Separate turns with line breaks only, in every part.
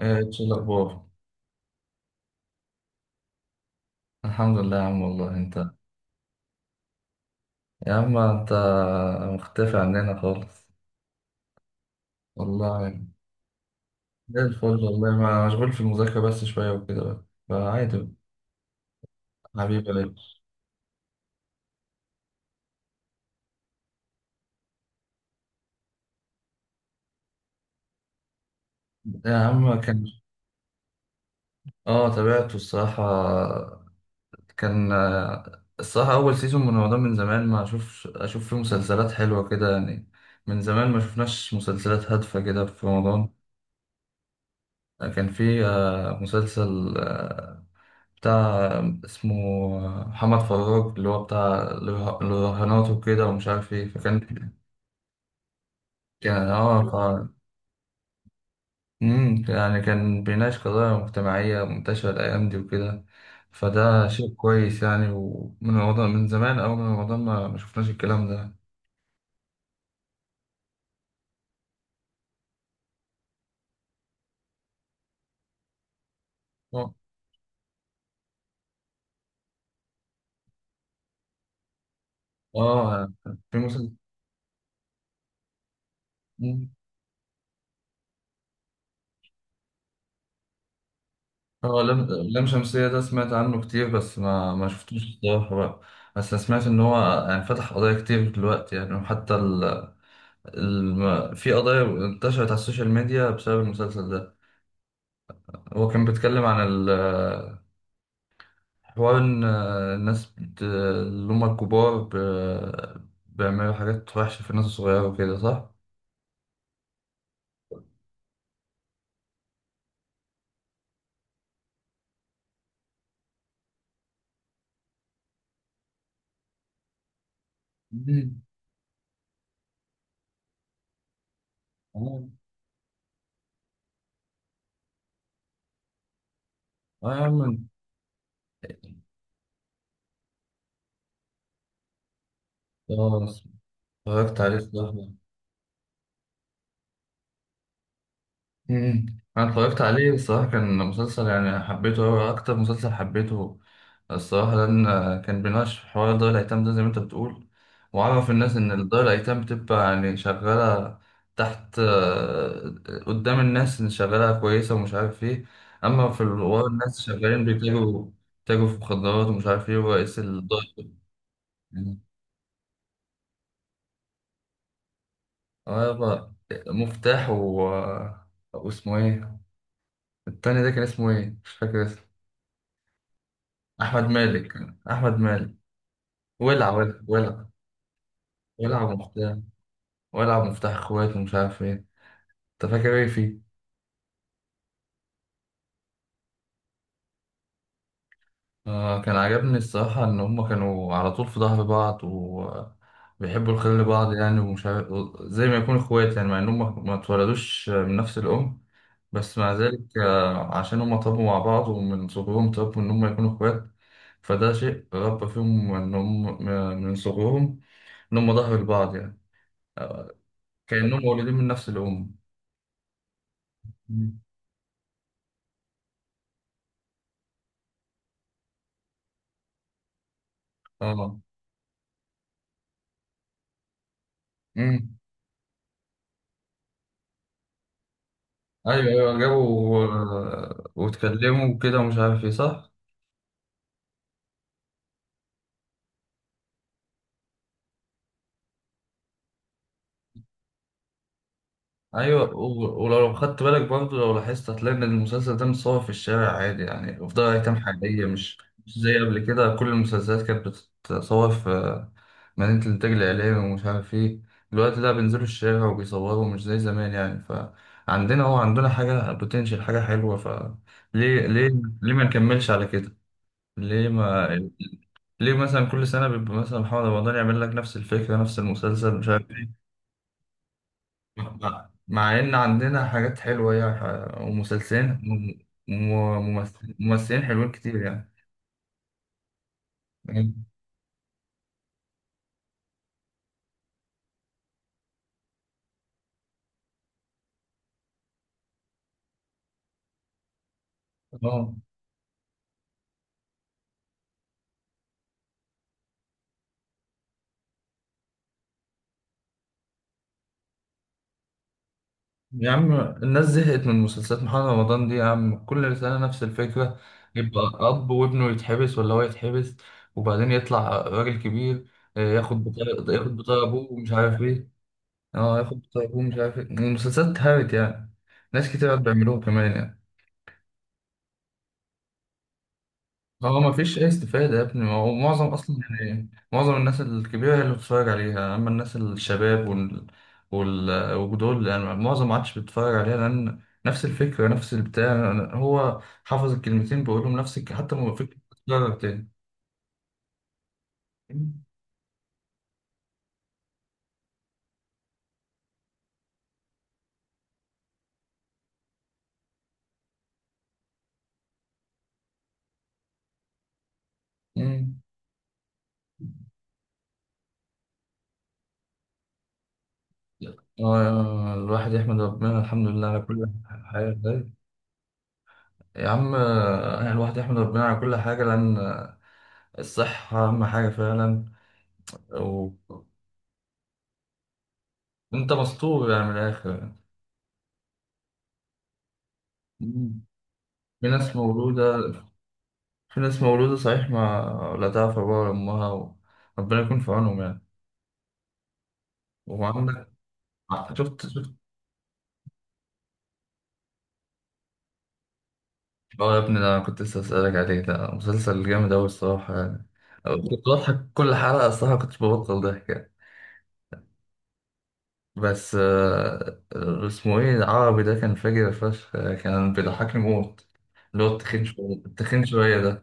إيش الاخبار؟ الحمد لله يا عم، والله انت. يا عم انت مختفي عننا خالص. والله. زي الفل والله. ما مشغول في المذاكره بس شويه وكده بقى فعادي. حبيبي ليش؟ يا عم كان. اه، تابعته الصراحه. كان الصراحه اول سيزون من رمضان، من زمان ما اشوفش اشوف فيه مسلسلات حلوه كده يعني. من زمان ما شفناش مسلسلات هادفه كده في رمضان. كان في مسلسل بتاع، اسمه، محمد فراج، اللي هو بتاع الرهانات وكده ومش عارف ايه. فكان كان اه ف يعني كان بيناقش قضايا مجتمعية منتشرة الأيام دي وكده. فده شيء كويس يعني، ومن رمضان، من زمان أوي، من رمضان ما شفناش الكلام ده. اه. آه، في مسلسل. مم. اه، لم. لم شمسية ده سمعت عنه كتير، بس ما شفتوش الصراحة بقى. بس أنا سمعت إن هو يعني فتح قضايا كتير دلوقتي يعني، وحتى ال... في قضايا انتشرت على السوشيال ميديا بسبب المسلسل ده. هو كان بيتكلم عن حوار ان الناس اللي هم الكبار بيعملوا حاجات وحشة في الناس الصغيرة وكده، صح؟ مم. آه. اه، يا عم انت-. اه، اتفرجت عليه، صح. مم. انا اتفرجت عليه الصراحه، كان مسلسل يعني حبيته أوي، اكتر مسلسل حبيته الصراحه، لان كان بيناقش في حوار دار الايتام ده زي ما انت بتقول. وعرف الناس ان دار الايتام بتبقى يعني شغاله تحت، قدام الناس ان شغاله كويسه ومش عارف ايه. اما في ورا، الناس شغالين بيتاجروا، في مخدرات ومش عارف ايه، ورئيس الدار يعني. آه يابا، مفتاح و...، واسمه ايه التاني ده؟ كان اسمه ايه؟ مش فاكر اسمه. احمد مالك. احمد مالك ولع، ولع، ولع. ولع مفتاح. ولع مفتاح اخوات ومش عارف ايه. انت فاكر ايه فيه؟ آه، كان عجبني الصراحه ان هما كانوا على طول في ظهر بعض وبيحبوا الخير لبعض يعني، ومش عارف، زي ما يكونوا اخوات يعني. مع ان هما ما اتولدوش من نفس الام، بس مع ذلك آه عشان هما طابوا مع بعض، ومن صغرهم طابوا ان هما يكونوا اخوات. فده شيء ربى فيهم ان هم من صغرهم ان هم ظهر لبعض يعني، آه، كأنهم مولودين من نفس الأم. مم. اه. امم. ايوه، ايوه، جابوا واتكلموا وكده ومش عارف ايه، صح. ايوه، ولو خدت بالك برضه، لو لاحظت هتلاقي ان المسلسل ده متصور في الشارع عادي يعني، في دار ايتام حقيقيه. مش زي قبل كده، كل المسلسلات كانت بتتصور في مدينه الانتاج الاعلامي ومش عارف ايه. دلوقتي لا، بينزلوا الشارع وبيصوروا، مش زي زمان يعني. فعندنا هو عندنا حاجه بوتنشال، حاجه حلوه. فليه، ليه ما نكملش على كده؟ ليه ما ليه مثلا كل سنة بيبقى مثلا محمد رمضان يعمل لك نفس الفكرة، نفس المسلسل مش عارف ايه، مع إن عندنا حاجات حلوة يعني، ومسلسلين، ممثلين حلوين كتير يعني. اه يا عم، الناس زهقت من مسلسلات محمد رمضان دي يا عم. كل سنة نفس الفكرة، يبقى أب وابنه يتحبس ولا هو يتحبس، وبعدين يطلع راجل كبير، ياخد بطاقة أبوه ومش عارف إيه. اه، ياخد طيبون مش عارف ايه. المسلسلات اتهرت يعني. ناس كتير قاعد بيعملوها كمان يعني. اه، ما فيش اي استفادة يا ابني. ما هو معظم اصلا يعني، معظم الناس الكبيرة هي اللي بتتفرج عليها. اما الناس الشباب وال وال ودول يعني، معظم ما عادش بيتفرج عليها، لان نفس الفكرة، نفس البتاع، هو حافظ الكلمتين بيقولهم، نفس حتى ما فكرة بتتكرر تاني. مم. اه، الواحد يحمد ربنا، الحمد لله على كل حاجة. ازاي؟ يا عم الواحد يحمد ربنا على كل حاجة، لأن الصحة أهم حاجة فعلا. وأنت مستور يعني، من الآخر يعني. مم. في ناس مولودة، صحيح ما لا تعرف أبوها ولا أمها، وربنا يكون في عونهم يعني. وعندك. شفت؟ اه يا ابني، ده أنا كنت لسه أسألك عليه. ده مسلسل جامد أوي الصراحة يعني. كنت بضحك كل حلقة الصراحة، كنت ببطل ضحك يعني. بس اسمه إيه العربي ده، كان فاجر فشخ، كان بيضحكني موت. اللي هو التخين شوية، التخين شوية.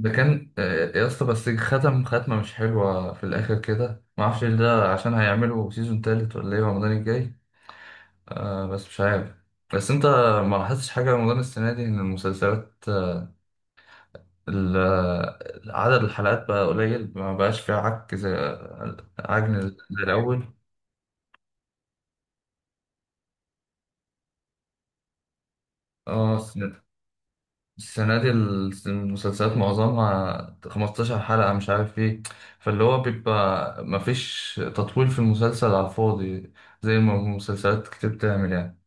ده كان يا اسطى بس ختم ختمة مش حلوة في الآخر كده، معرفش إيه ده، عشان هيعملوا سيزون تالت ولا إيه رمضان الجاي. آه بس مش عارف. بس أنت ما لاحظتش حاجة رمضان السنة دي إن المسلسلات ال- آه، عدد الحلقات بقى قليل، ما بقاش فيها عك زي، عجن زي الأول. اه. السنة دي المسلسلات معظمها 15 حلقة مش عارف ايه. فاللي هو بيبقى مفيش تطويل في المسلسل على الفاضي زي ما مسلسلات كتير بتعمل يعني.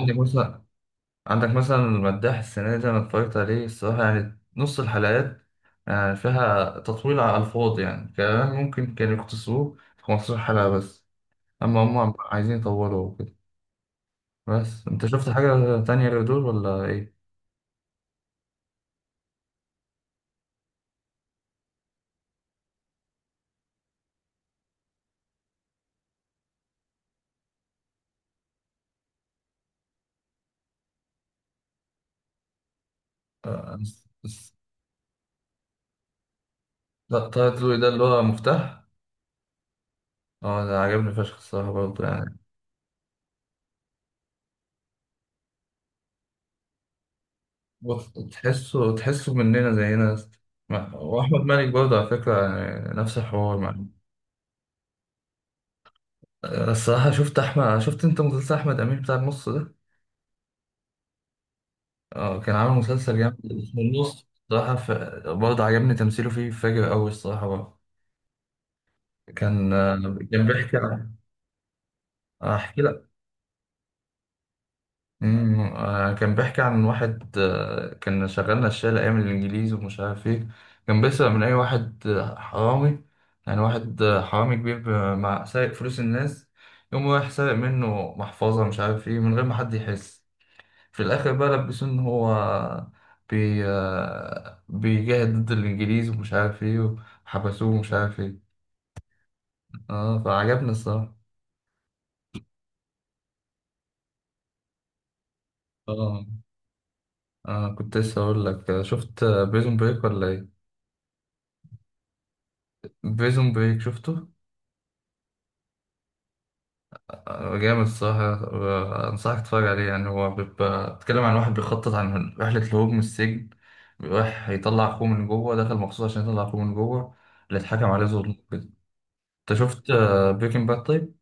عندك مثلا، عندك مثلا المداح السنة دي، أنا اتفرجت عليه الصراحة، يعني نص الحلقات يعني فيها تطويل على الفاضي يعني. كمان ممكن كانوا يختصروه في 15 حلقة بس، أما هم عايزين يطولوا وكده. بس أنت شفت حاجة تانية غير دول ولا ايه؟ آه، لا، طه دلوقتي ده اللي هو مفتاح. اه، ده عجبني فشخ الصراحة برضه يعني. بص، تحسه مننا زينا يا اسطى. ما-. وأحمد مالك برضه على فكرة يعني نفس الحوار معاه. أنا الصراحة شفت أنت مسلسل أحمد أمين بتاع النص ده؟ اه، كان عامل مسلسل جامد اسمه النص الصراحة ف... برضه عجبني تمثيله فيه، فاجر أوي الصراحة برضه. كان بيحكي عن. أحكي لك. كان بيحكي عن واحد كان شغال نشال أيام الإنجليز ومش عارف إيه. كان بيسرق من أي واحد حرامي يعني. واحد حرامي كبير، مع سارق فلوس الناس. يقوم رايح سارق منه محفظة مش عارف إيه من غير ما حد يحس. في الآخر بقى لبسوه إن هو بي آه، بيجاهد ضد الإنجليز ومش عارف إيه، وحبسوه ومش عارف إيه. آه، فعجبني الصراحة. آه كنت لسه أقول لك. شفت بريزون بريك ولا إيه؟ بريزون بريك شفته؟ جامد الصراحة. أنصحك تتفرج عليه يعني. هو بيبقى بيتكلم عن واحد بيخطط عن رحلة الهروب من السجن. رايح يطلع أخوه من جوه، دخل مخصوص عشان يطلع أخوه من جوه، اللي اتحكم عليه ظلم كده. أنت شفت بريكنج باد طيب؟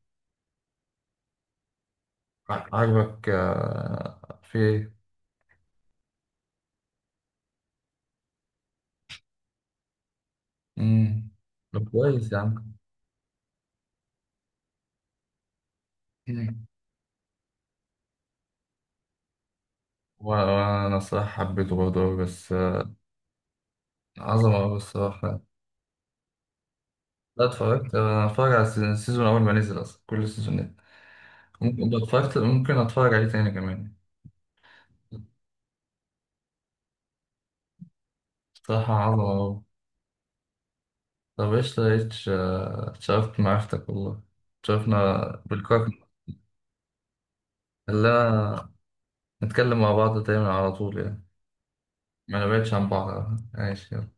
عجبك في إيه؟ مم. طب كويس يا عم. مم. وأنا الصراحة حبيته برضه أوي، بس. عظمة أوي الصراحة. لا، اتفرجت، أنا أتفرج على السيزون أول ما نزل أصلا، كل سيزونات ممكن ده اتفرجت، ممكن أتفرج عليه تاني كمان. بصراحة عظمة أوي. طب إيش لقيتش، اتشرفت بمعرفتك والله. اتشرفنا بالكوكب. خلينا نتكلم مع بعض دايما على طول يعني، ما نبعدش عن بعض. ماشي، يلا.